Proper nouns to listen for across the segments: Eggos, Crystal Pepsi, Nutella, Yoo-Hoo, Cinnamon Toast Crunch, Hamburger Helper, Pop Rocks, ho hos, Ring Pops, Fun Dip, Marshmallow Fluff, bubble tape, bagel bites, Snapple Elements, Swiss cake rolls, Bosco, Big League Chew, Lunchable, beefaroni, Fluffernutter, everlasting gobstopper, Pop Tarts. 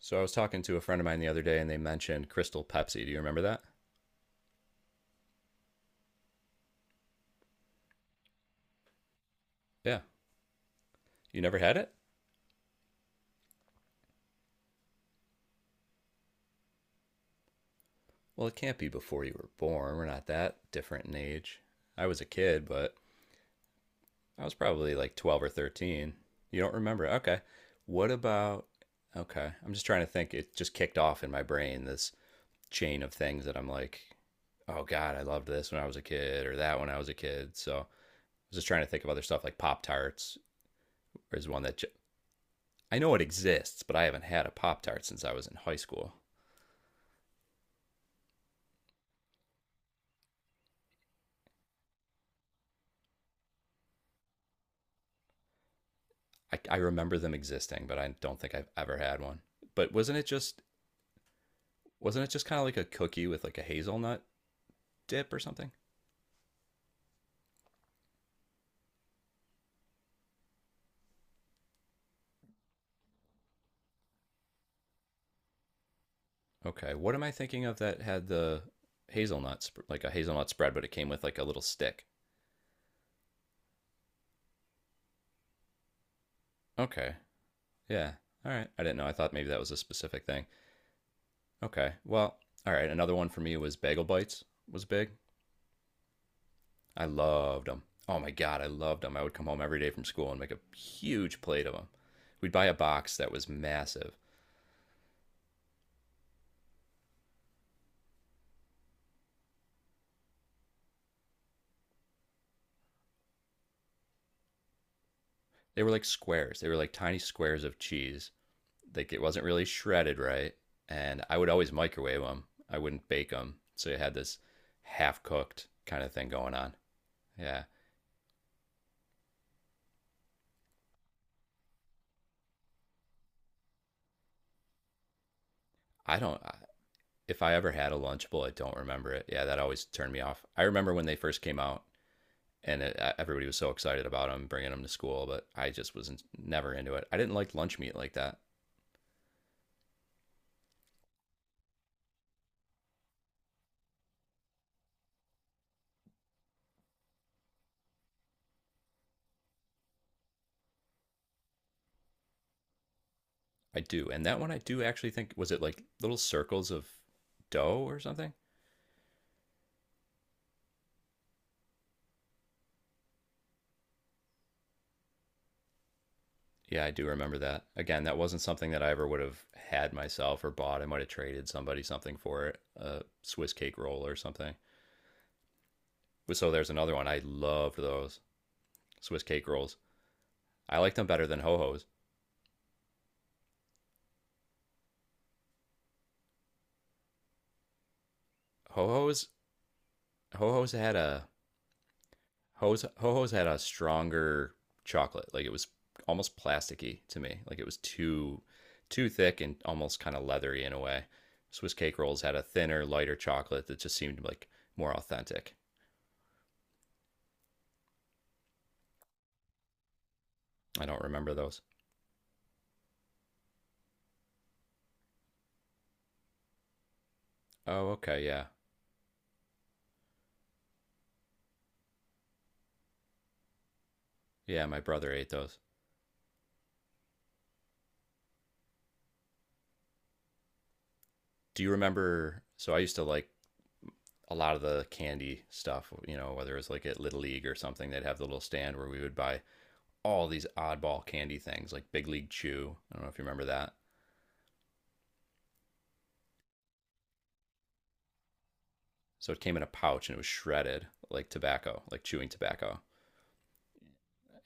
So I was talking to a friend of mine the other day and they mentioned Crystal Pepsi. Do you remember that? Yeah. You never had it? Well, it can't be before you were born. We're not that different in age. I was a kid, but I was probably like 12 or 13. You don't remember? Okay. What about? Okay. I'm just trying to think. It just kicked off in my brain this chain of things that I'm like, oh God, I loved this when I was a kid or that when I was a kid. So I was just trying to think of other stuff like Pop Tarts is one that I know it exists, but I haven't had a Pop Tart since I was in high school. I remember them existing, but I don't think I've ever had one. But wasn't it just kind of like a cookie with like a hazelnut dip or something? Okay, what am I thinking of that had the hazelnuts, like a hazelnut spread, but it came with like a little stick? Okay, yeah, all right. I didn't know. I thought maybe that was a specific thing. Okay, well, all right. Another one for me was bagel bites was big. I loved them. Oh my God, I loved them. I would come home every day from school and make a huge plate of them. We'd buy a box that was massive. They were like squares, they were like tiny squares of cheese. Like it wasn't really shredded right. And I would always microwave them, I wouldn't bake them. So you had this half cooked kind of thing going on. Yeah. I don't, if I ever had a Lunchable, I don't remember it. Yeah, that always turned me off. I remember when they first came out, everybody was so excited about him bringing him to school. But I just was never into it. I didn't like lunch meat like that. I do, and that one I do actually think was it like little circles of dough or something. Yeah, I do remember that. Again, that wasn't something that I ever would have had myself or bought. I might have traded somebody something for it, a Swiss cake roll or something. So there's another one. I loved those Swiss cake rolls. I liked them better than ho hos. Ho hos, ho hos had a Ho's Ho Ho's had a stronger chocolate. Like it was almost plasticky to me. Like it was too thick and almost kind of leathery in a way. Swiss cake rolls had a thinner, lighter chocolate that just seemed like more authentic. I don't remember those. Oh, okay, yeah. Yeah, my brother ate those. Do you remember, so I used to like a lot of the candy stuff, you know, whether it was like at Little League or something, they'd have the little stand where we would buy all these oddball candy things, like Big League Chew. I don't know if you remember that. So it came in a pouch and it was shredded like tobacco, like chewing tobacco.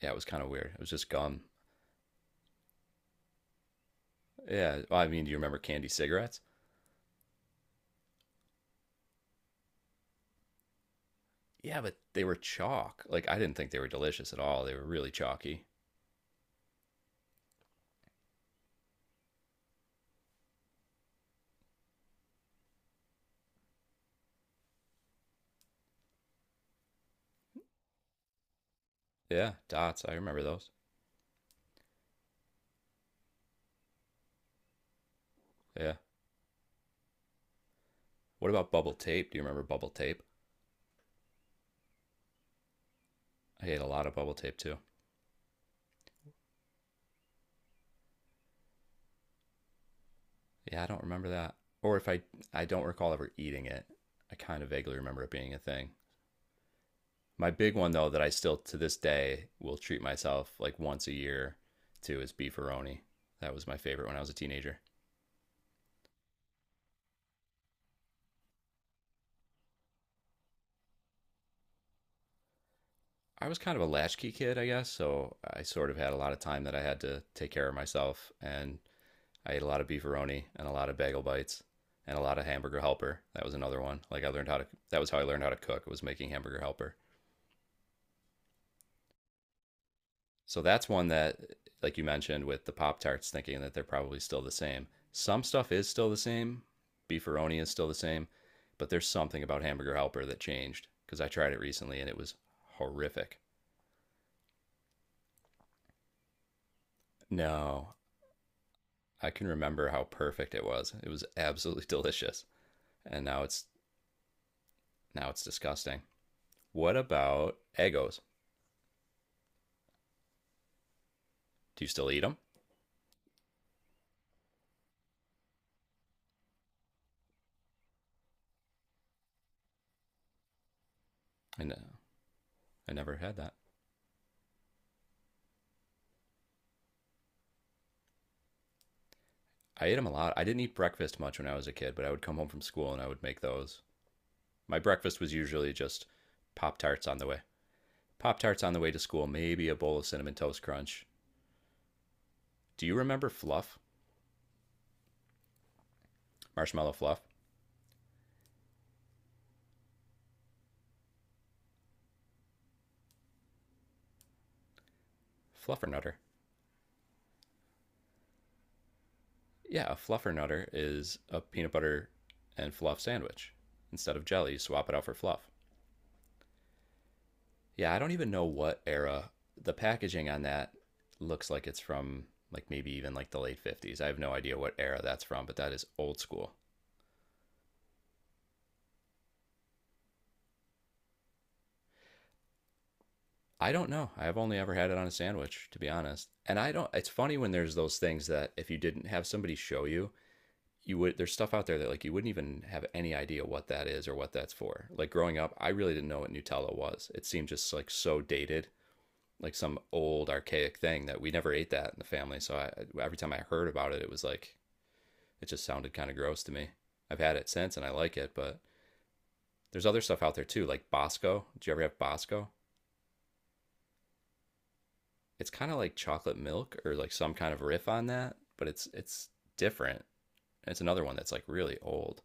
Yeah, it was kind of weird. It was just gum. Yeah, well, I mean, do you remember candy cigarettes? Yeah, but they were chalk. Like I didn't think they were delicious at all. They were really chalky. Yeah, dots. I remember those. Yeah. What about bubble tape? Do you remember bubble tape? I ate a lot of bubble tape too. Yeah, I don't remember that. Or if I I don't recall ever eating it. I kind of vaguely remember it being a thing. My big one though that I still to this day will treat myself like once a year to is beefaroni. That was my favorite when I was a teenager. I was kind of a latchkey kid, I guess, so I sort of had a lot of time that I had to take care of myself and I ate a lot of beefaroni and a lot of bagel bites and a lot of hamburger helper. That was another one. Like I learned how to that was how I learned how to cook, was making hamburger helper. So that's one that, like you mentioned, with the Pop Tarts, thinking that they're probably still the same. Some stuff is still the same. Beefaroni is still the same, but there's something about Hamburger Helper that changed because I tried it recently and it was horrific. No, I can remember how perfect it was. It was absolutely delicious, and now it's disgusting. What about Eggos? Do you still eat them? I know I never had that. I ate them a lot. I didn't eat breakfast much when I was a kid, but I would come home from school and I would make those. My breakfast was usually just Pop Tarts on the way. Pop Tarts on the way to school, maybe a bowl of Cinnamon Toast Crunch. Do you remember Fluff? Marshmallow Fluff? Fluffernutter. Yeah, a Fluffernutter is a peanut butter and fluff sandwich. Instead of jelly, you swap it out for fluff. Yeah, I don't even know what era. The packaging on that looks like it's from like maybe even like the late 50s. I have no idea what era that's from, but that is old school. I don't know. I've only ever had it on a sandwich, to be honest. And I don't. It's funny when there's those things that if you didn't have somebody show you, you would. There's stuff out there that like you wouldn't even have any idea what that is or what that's for. Like growing up, I really didn't know what Nutella was. It seemed just like so dated, like some old archaic thing that we never ate that in the family. So I, every time I heard about it, it was like it just sounded kind of gross to me. I've had it since and I like it, but there's other stuff out there too, like Bosco. Did you ever have Bosco? It's kind of like chocolate milk or like some kind of riff on that, but it's different. It's another one that's like really old.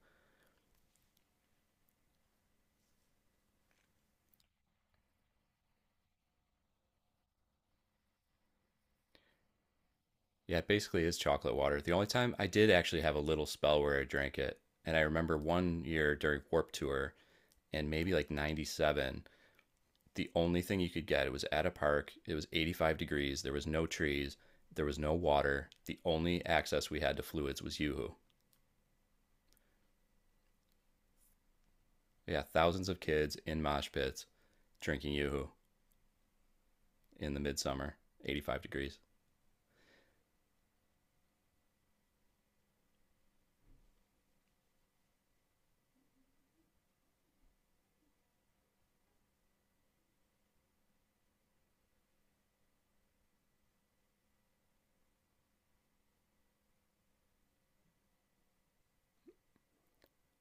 Yeah, it basically is chocolate water. The only time I did actually have a little spell where I drank it, and I remember one year during Warp Tour and maybe like 97, the only thing you could get it was at a park. It was 85 degrees, there was no trees, there was no water. The only access we had to fluids was Yoo-Hoo. Yeah, thousands of kids in mosh pits drinking Yoo-Hoo in the midsummer, 85 degrees.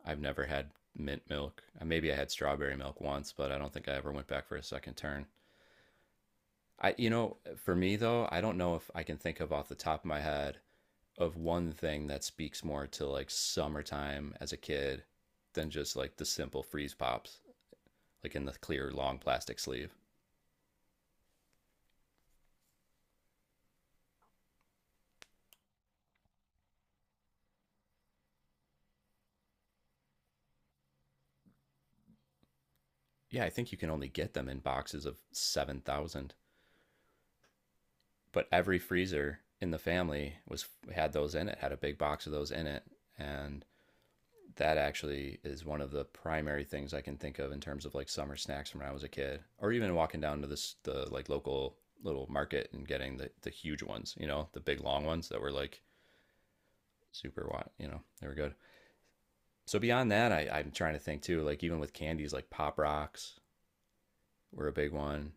I've never had mint milk. Maybe I had strawberry milk once, but I don't think I ever went back for a second turn. I, you know, for me though, I don't know if I can think of off the top of my head of one thing that speaks more to like summertime as a kid than just like the simple freeze pops, like in the clear long plastic sleeve. Yeah, I think you can only get them in boxes of 7,000. But every freezer in the family was had those in it, had a big box of those in it, and that actually is one of the primary things I can think of in terms of like summer snacks from when I was a kid, or even walking down to this the like local little market and getting the huge ones, you know, the big long ones that were like super watt, you know, they were good. So beyond that, I'm trying to think too, like even with candies like Pop Rocks were a big one.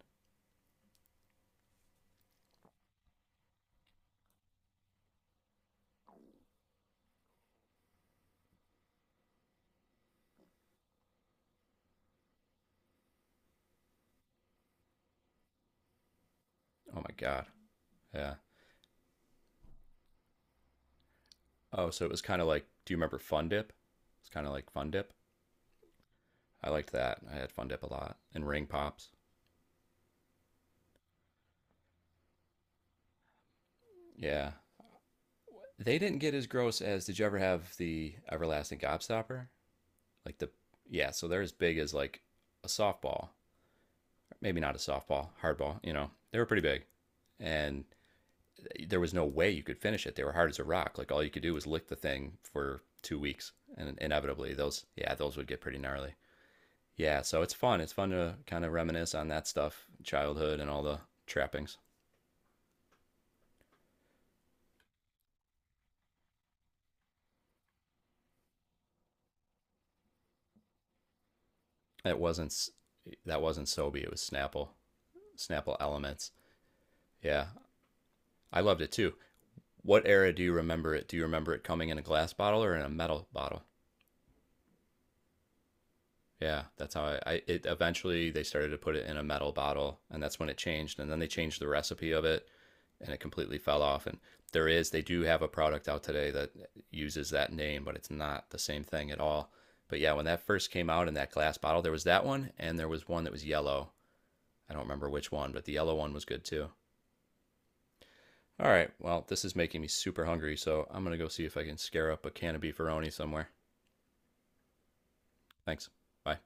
Oh my god, yeah. Oh, so it was kind of like, do you remember Fun Dip? It's kind of like Fun Dip. I liked that. I had Fun Dip a lot and Ring Pops. Yeah, They didn't get as gross as. Did you ever have the everlasting gobstopper? Like the yeah, so they're as big as like a softball. Maybe not a softball, hardball. You know, they were pretty big, and there was no way you could finish it. They were hard as a rock. Like all you could do was lick the thing for 2 weeks, and inevitably those, yeah, those would get pretty gnarly. Yeah, so it's fun. It's fun to kind of reminisce on that stuff, childhood, and all the trappings. It wasn't that wasn't Sobe. It was Snapple, Snapple Elements. Yeah, I loved it too. What era do you remember it? Do you remember it coming in a glass bottle or in a metal bottle? Yeah, that's how I, it eventually they started to put it in a metal bottle and that's when it changed and then they changed the recipe of it and it completely fell off, and there is, they do have a product out today that uses that name but it's not the same thing at all. But yeah, when that first came out in that glass bottle, there was that one and there was one that was yellow. I don't remember which one, but the yellow one was good too. All right, well, this is making me super hungry, so I'm going to go see if I can scare up a can of beefaroni somewhere. Thanks. Bye.